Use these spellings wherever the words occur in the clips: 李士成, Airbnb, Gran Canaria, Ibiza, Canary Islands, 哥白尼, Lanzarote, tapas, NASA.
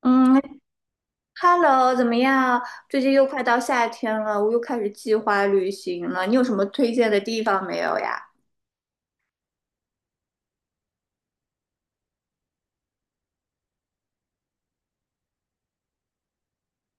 嗯，Hello，怎么样？最近又快到夏天了，我又开始计划旅行了。你有什么推荐的地方没有呀？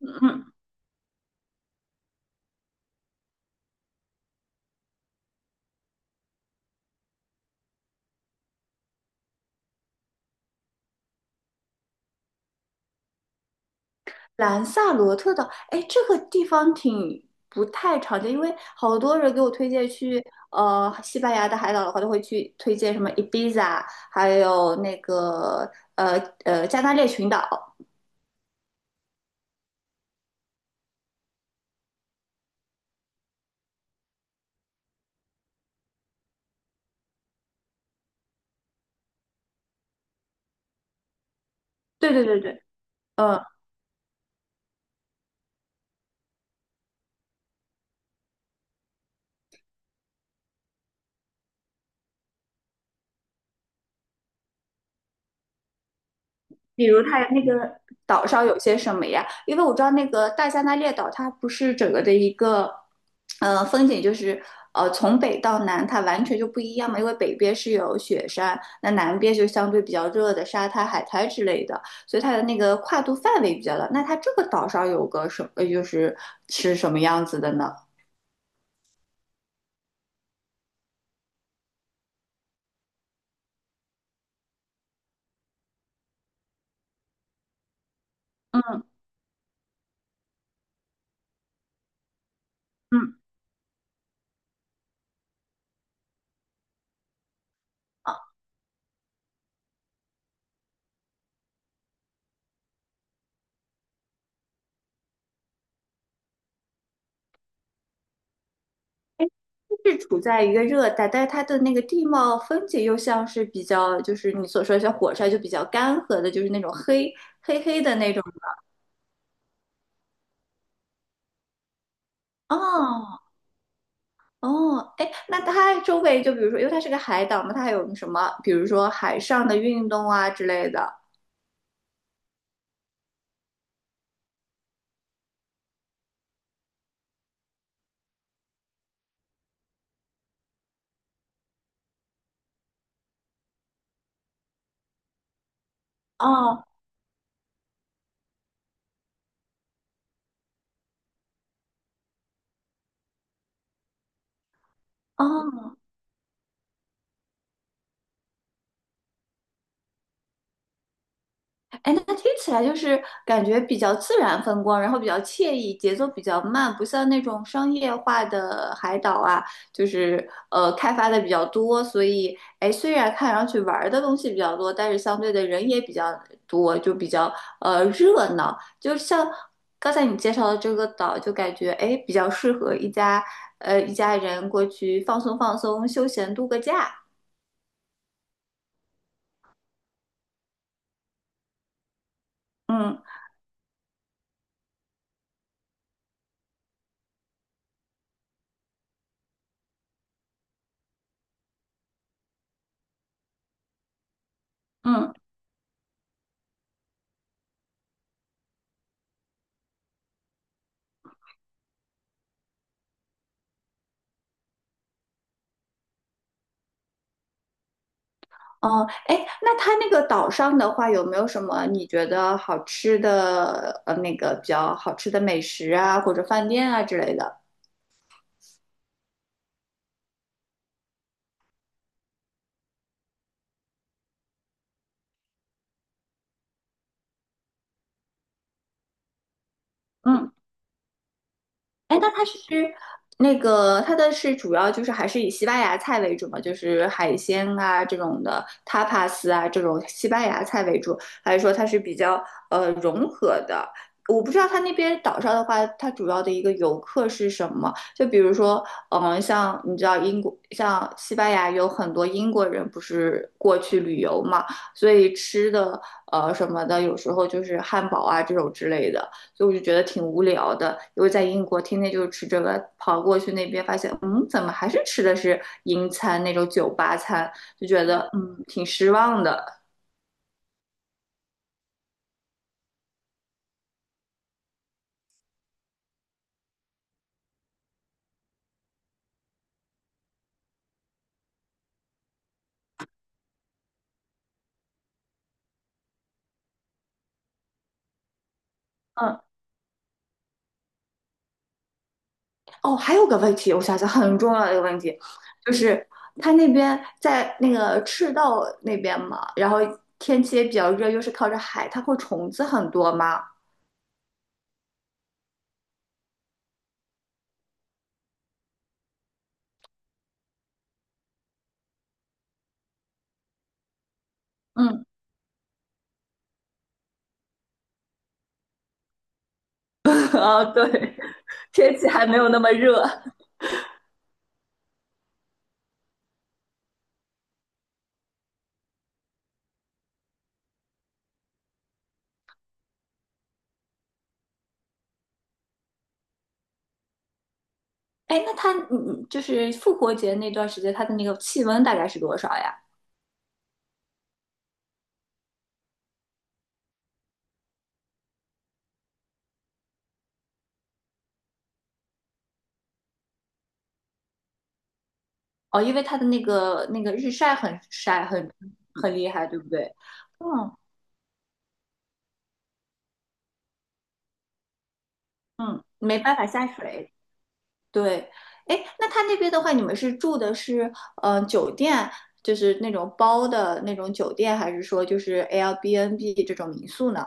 嗯，兰萨罗特岛，哎，这个地方挺不太常见，因为好多人给我推荐去西班牙的海岛的话，都会去推荐什么 Ibiza，还有那个呃加那利群岛。对对对对，嗯。比如它那个岛上有些什么呀？因为我知道那个大加那列岛，它不是整个的一个，风景就是从北到南它完全就不一样嘛。因为北边是有雪山，那南边就相对比较热的沙滩、海滩之类的，所以它的那个跨度范围比较大。那它这个岛上有个什么，就是是什么样子的呢？嗯是处在一个热带，但是它的那个地貌风景又像是比较，就是你所说的像火山，就比较干涸的，就是那种黑黑的那种。哦哦，哎，那它周围就比如说，因为它是个海岛嘛，它还有什么，比如说海上的运动啊之类的。哦哦哎，那听起来就是感觉比较自然风光，然后比较惬意，节奏比较慢，不像那种商业化的海岛啊，就是开发的比较多，所以哎，虽然看上去玩儿的东西比较多，但是相对的人也比较多，就比较热闹。就像刚才你介绍的这个岛，就感觉哎比较适合一家人过去放松放松、休闲度个假。嗯嗯。哦，哎，那它那个岛上的话，有没有什么你觉得好吃的，那个比较好吃的美食啊，或者饭店啊之类的？嗯。哎，那它是那个它的是主要就是还是以西班牙菜为主嘛，就是海鲜啊这种的 tapas 啊这种西班牙菜为主，还是说它是比较融合的？我不知道它那边岛上的话，它主要的一个游客是什么？就比如说，嗯，像你知道英国，像西班牙有很多英国人不是过去旅游嘛，所以吃的什么的，有时候就是汉堡啊这种之类的。所以我就觉得挺无聊的。因为在英国天天就是吃这个，跑过去那边发现，嗯，怎么还是吃的是英餐那种酒吧餐，就觉得嗯挺失望的。嗯，哦，还有个问题，我想想很重要的一个问题，就是他那边在那个赤道那边嘛，然后天气也比较热，又是靠着海，它会虫子很多吗？嗯，啊，对，天气还没有那么热。哎，那它就是复活节那段时间，它的那个气温大概是多少呀？哦，因为它的那个日晒很晒很很厉害，对不对？嗯嗯，没办法下水。对，哎，那它那边的话，你们是住的是酒店，就是那种包的那种酒店，还是说就是 Airbnb 这种民宿呢？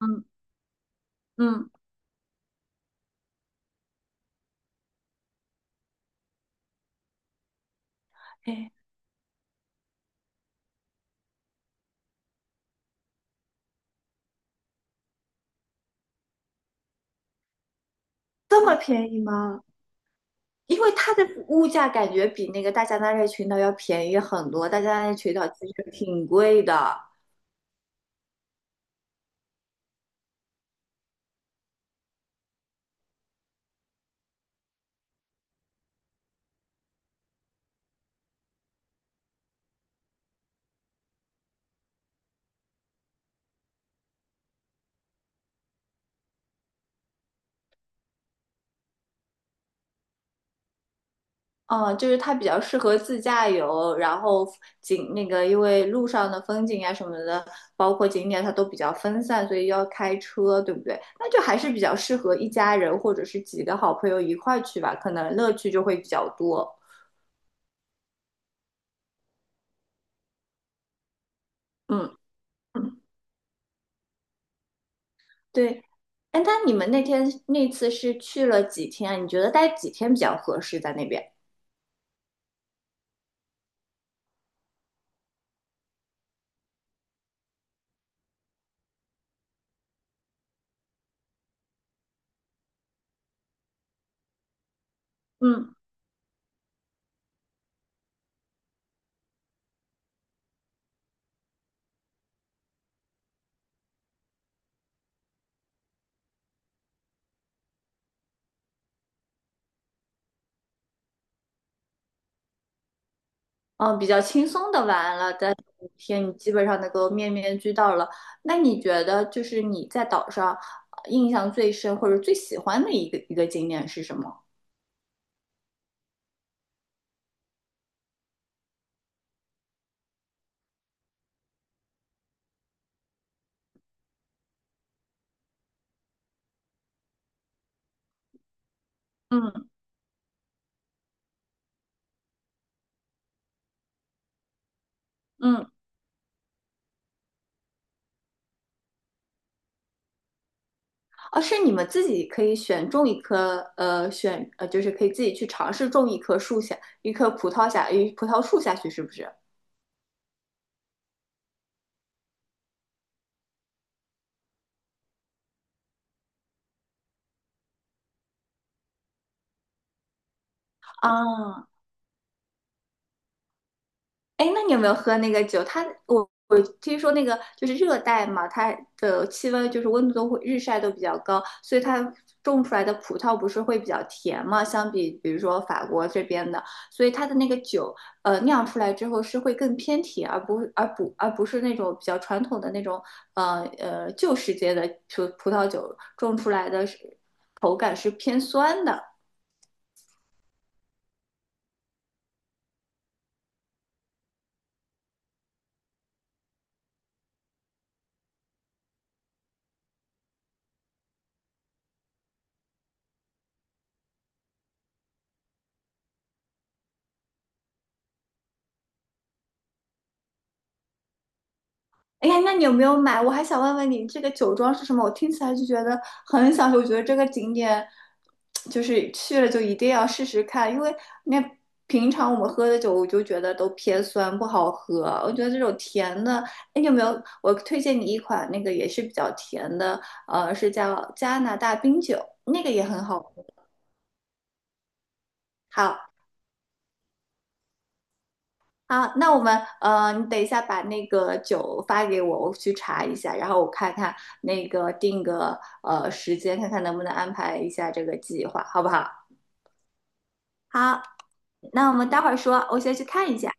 嗯嗯，哎，这么便宜吗？因为它的物价感觉比那个大加那利群岛要便宜很多，大加那利群岛其实挺贵的。嗯，就是它比较适合自驾游，然后景那个因为路上的风景啊什么的，包括景点它都比较分散，所以要开车，对不对？那就还是比较适合一家人或者是几个好朋友一块去吧，可能乐趣就会比较多。嗯，嗯对。哎，那你们那天那次是去了几天啊？你觉得待几天比较合适在那边？嗯。嗯，比较轻松的玩了，在五天你基本上能够面面俱到了。那你觉得就是你在岛上印象最深或者最喜欢的一个景点是什么？嗯嗯，啊，是你们自己可以选种一棵，就是可以自己去尝试种一棵树下，一棵葡萄下，一葡萄树下去，是不是？啊，哎，诶那你有没有喝那个酒？它我听说那个就是热带嘛，它的气温就是温度都会日晒都比较高，所以它种出来的葡萄不是会比较甜嘛？比如说法国这边的，所以它的那个酒，酿出来之后是会更偏甜，而不是那种比较传统的那种，旧世界的葡萄酒种出来的是口感是偏酸的。哎呀，那你有没有买？我还想问问你，这个酒庄是什么？我听起来就觉得很享受，我觉得这个景点就是去了就一定要试试看，因为那平常我们喝的酒，我就觉得都偏酸不好喝。我觉得这种甜的，哎，你有没有？我推荐你一款那个也是比较甜的，是叫加拿大冰酒，那个也很好喝。好。好，那我们你等一下把那个酒发给我，我去查一下，然后我看看那个定个时间，看看能不能安排一下这个计划，好不好？好，那我们待会儿说，我先去看一下。